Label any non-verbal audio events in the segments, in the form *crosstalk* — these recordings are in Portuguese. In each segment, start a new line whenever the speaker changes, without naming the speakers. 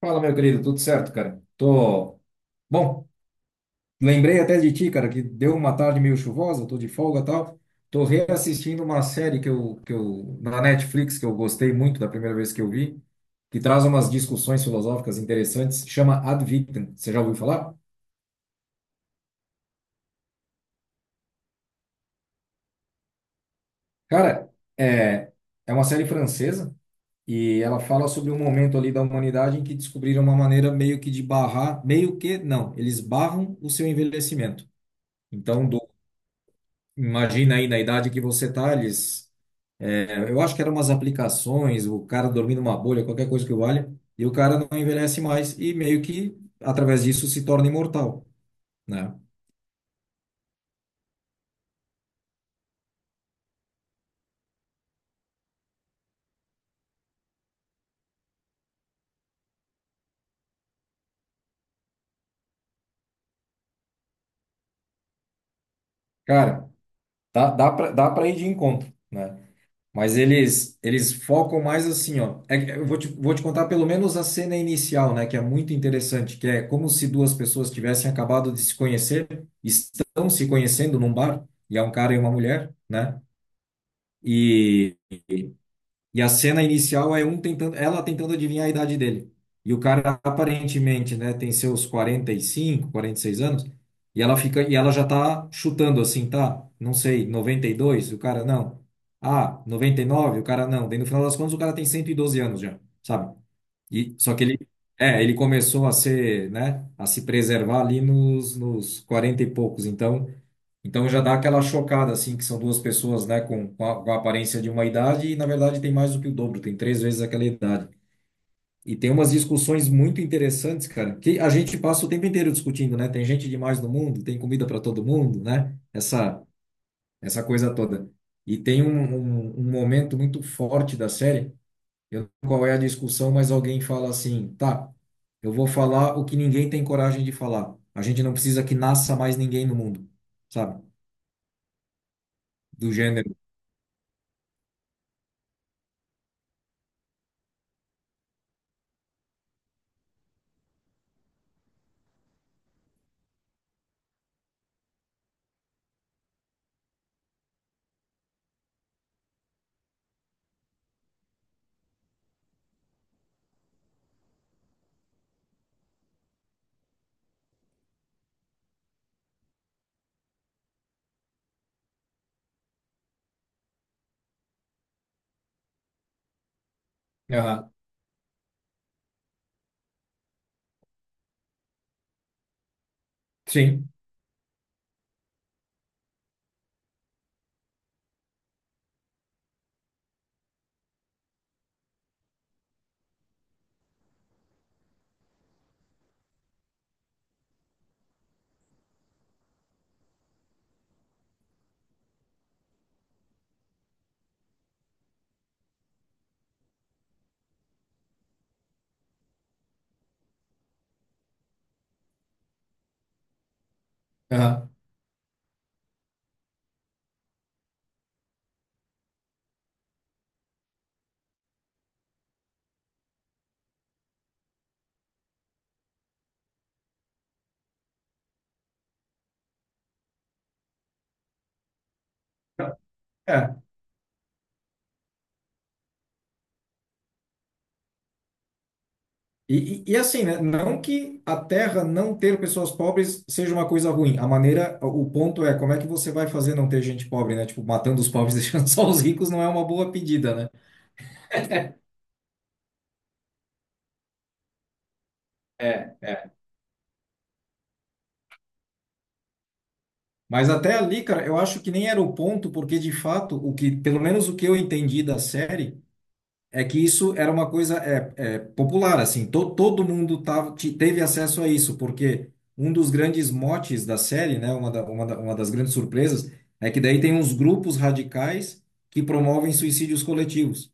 Fala, meu querido, tudo certo, cara? Tô. Bom, lembrei até de ti, cara, que deu uma tarde meio chuvosa, tô de folga e tal. Tô reassistindo uma série que eu, na Netflix, que eu gostei muito da primeira vez que eu vi, que traz umas discussões filosóficas interessantes, chama Ad Vitam. Você já ouviu falar? Cara, é, é uma série francesa e ela fala sobre um momento ali da humanidade em que descobriram uma maneira meio que de barrar, meio que, não, eles barram o seu envelhecimento. Então, imagina aí na idade que você tá, eles. Eu acho que eram umas aplicações, o cara dormindo numa bolha, qualquer coisa que valha, e o cara não envelhece mais e meio que através disso se torna imortal, né? Cara, dá pra ir de encontro, né? Mas eles focam mais assim, ó. Eu vou vou te contar pelo menos a cena inicial, né? Que é muito interessante, que é como se duas pessoas tivessem acabado de se conhecer, estão se conhecendo num bar, e é um cara e uma mulher, né? E E a cena inicial é ela tentando adivinhar a idade dele. E o cara aparentemente, né, tem seus 40, 45, 46 anos, e ela fica e ela já tá chutando assim, tá? Não sei, 92 o cara não. Ah, 99 o cara não. Daí no final das contas o cara tem 112 anos já, sabe? E só que ele ele começou a ser, né, a se preservar ali nos 40 e poucos. Então, então já dá aquela chocada, assim, que são duas pessoas, né, com a aparência de uma idade e, na verdade, tem mais do que o dobro, tem três vezes aquela idade. E tem umas discussões muito interessantes, cara, que a gente passa o tempo inteiro discutindo, né? Tem gente demais no mundo, tem comida para todo mundo, né? Essa coisa toda. E tem um momento muito forte da série, eu não sei qual é a discussão, mas alguém fala assim, tá, eu vou falar o que ninguém tem coragem de falar. A gente não precisa que nasça mais ninguém no mundo, sabe? Do gênero. Sim. Aham. É. E, e assim, né? Não que a Terra não ter pessoas pobres seja uma coisa ruim. A maneira, o ponto é como é que você vai fazer não ter gente pobre, né? Tipo, matando os pobres, *laughs* deixando só os ricos não é uma boa pedida, né? É, é. Mas até ali, cara, eu acho que nem era o ponto, porque de fato, o que, pelo menos o que eu entendi da série, é que isso era uma coisa popular, assim, todo mundo tava, teve acesso a isso, porque um dos grandes motes da série, né, uma das grandes surpresas, é que daí tem uns grupos radicais que promovem suicídios coletivos,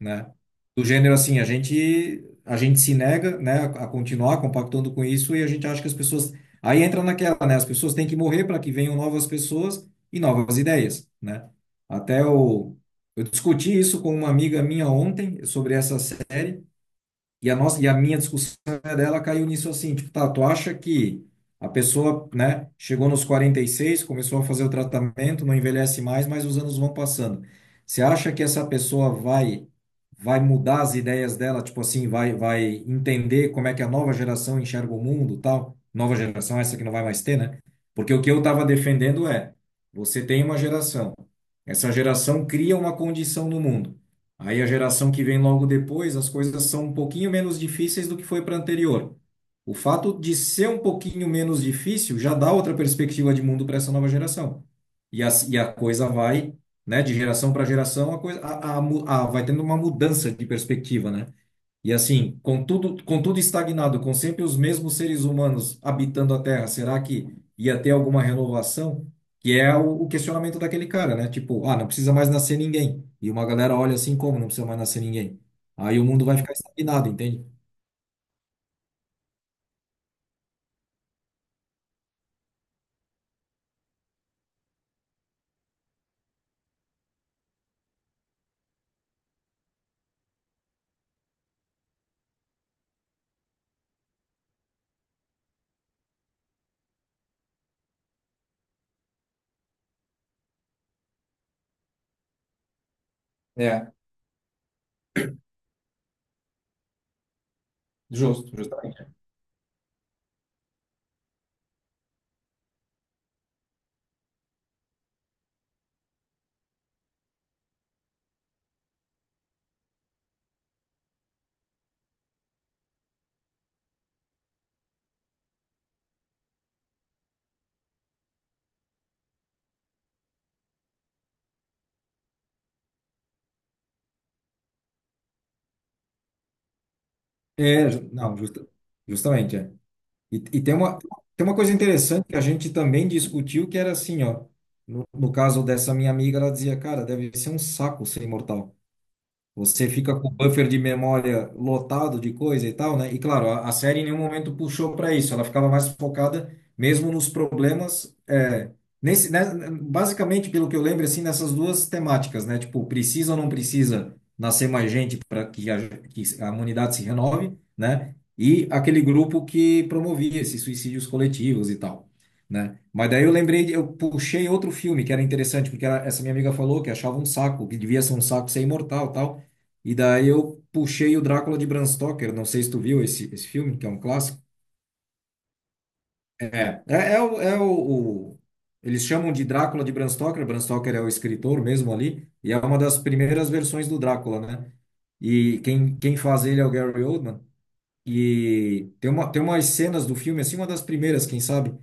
né? Do gênero assim, a gente se nega, né, a continuar compactando com isso e a gente acha que as pessoas aí entra naquela, né, as pessoas têm que morrer para que venham novas pessoas e novas ideias, né? Até Eu discuti isso com uma amiga minha ontem sobre essa e a minha discussão dela caiu nisso assim, tipo, tá, tu acha que a pessoa, né, chegou nos 46 começou a fazer o tratamento, não envelhece mais, mas os anos vão passando. Você acha que essa pessoa vai mudar as ideias dela, tipo assim, vai entender como é que a nova geração enxerga o mundo, tal? Nova geração essa que não vai mais ter, né? Porque o que eu estava defendendo é, você tem uma geração. Essa geração cria uma condição no mundo. Aí a geração que vem logo depois, as coisas são um pouquinho menos difíceis do que foi para a anterior. O fato de ser um pouquinho menos difícil já dá outra perspectiva de mundo para essa nova geração. E e a coisa vai, né, de geração para geração, a coisa vai tendo uma mudança de perspectiva, né? E assim, com tudo estagnado, com sempre os mesmos seres humanos habitando a Terra, será que ia ter alguma renovação? Que é o questionamento daquele cara, né? Tipo, ah, não precisa mais nascer ninguém. E uma galera olha assim, como não precisa mais nascer ninguém? Aí o mundo vai ficar estagnado, entende? É, justamente. É, ju- não, justa- justamente, é. E tem tem uma coisa interessante que a gente também discutiu, que era assim, ó. No caso dessa minha amiga, ela dizia, cara, deve ser um saco ser imortal. Você fica com o buffer de memória lotado de coisa e tal, né? E claro, a série em nenhum momento puxou para isso. Ela ficava mais focada mesmo nos problemas. Nesse, né, basicamente, pelo que eu lembro, assim, nessas duas temáticas, né? Tipo, precisa ou não precisa nascer mais gente para que, que a humanidade se renove, né? E aquele grupo que promovia esses suicídios coletivos e tal. Né? Mas daí eu lembrei, eu puxei outro filme que era interessante, porque essa minha amiga falou que achava um saco, que devia ser um saco ser imortal, tal. E daí eu puxei o Drácula de Bram Stoker. Não sei se tu viu esse filme, que é um clássico. É, é, é, o, é o, o- Eles chamam de Drácula de Bram Stoker. Bram Stoker é o escritor mesmo ali. E é uma das primeiras versões do Drácula, né? E quem faz ele é o Gary Oldman. E tem tem umas cenas do filme, assim, uma das primeiras, quem sabe,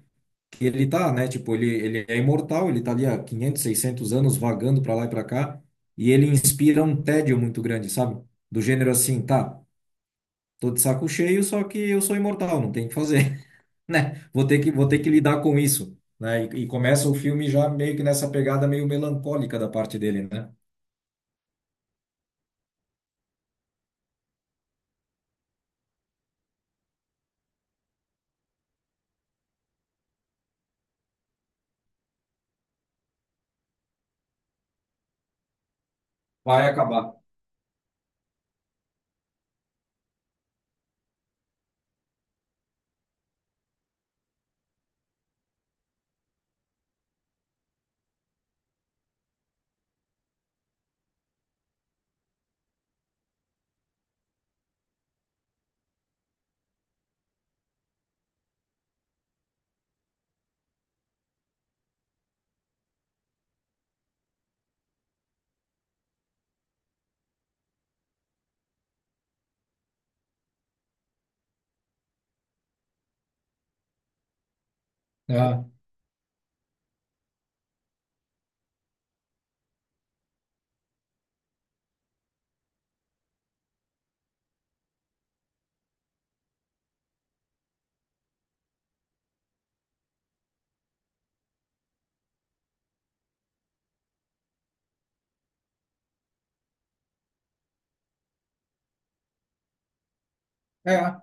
que ele tá, né? Tipo, ele é imortal, ele tá ali há 500, 600 anos vagando pra lá e pra cá. E ele inspira um tédio muito grande, sabe? Do gênero assim, tá. Tô de saco cheio, só que eu sou imortal, não tem o que fazer, *laughs* né? Vou ter vou ter que lidar com isso, né? E começa o filme já meio que nessa pegada meio melancólica da parte dele, né? Vai acabar. É, é.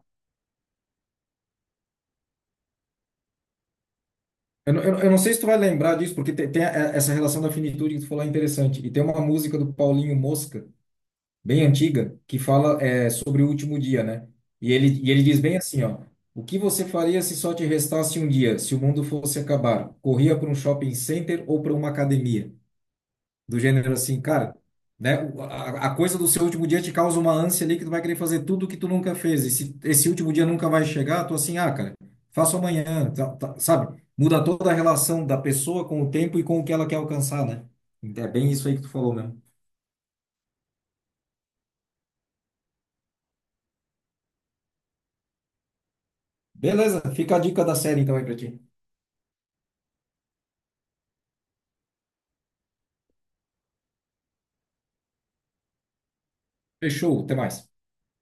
Eu não sei se tu vai lembrar disso, porque tem essa relação da finitude que tu falou é interessante. E tem uma música do Paulinho Mosca, bem antiga, que fala sobre o último dia, né? E e ele diz bem assim, ó. O que você faria se só te restasse um dia, se o mundo fosse acabar? Corria para um shopping center ou para uma academia? Do gênero assim, cara, né? A coisa do seu último dia te causa uma ânsia ali que tu vai querer fazer tudo que tu nunca fez. E se esse último dia nunca vai chegar, tu assim, ah, cara, faço amanhã, sabe? Muda toda a relação da pessoa com o tempo e com o que ela quer alcançar, né? Então, é bem isso aí que tu falou mesmo. Beleza, fica a dica da série então aí pra ti. Fechou, até mais.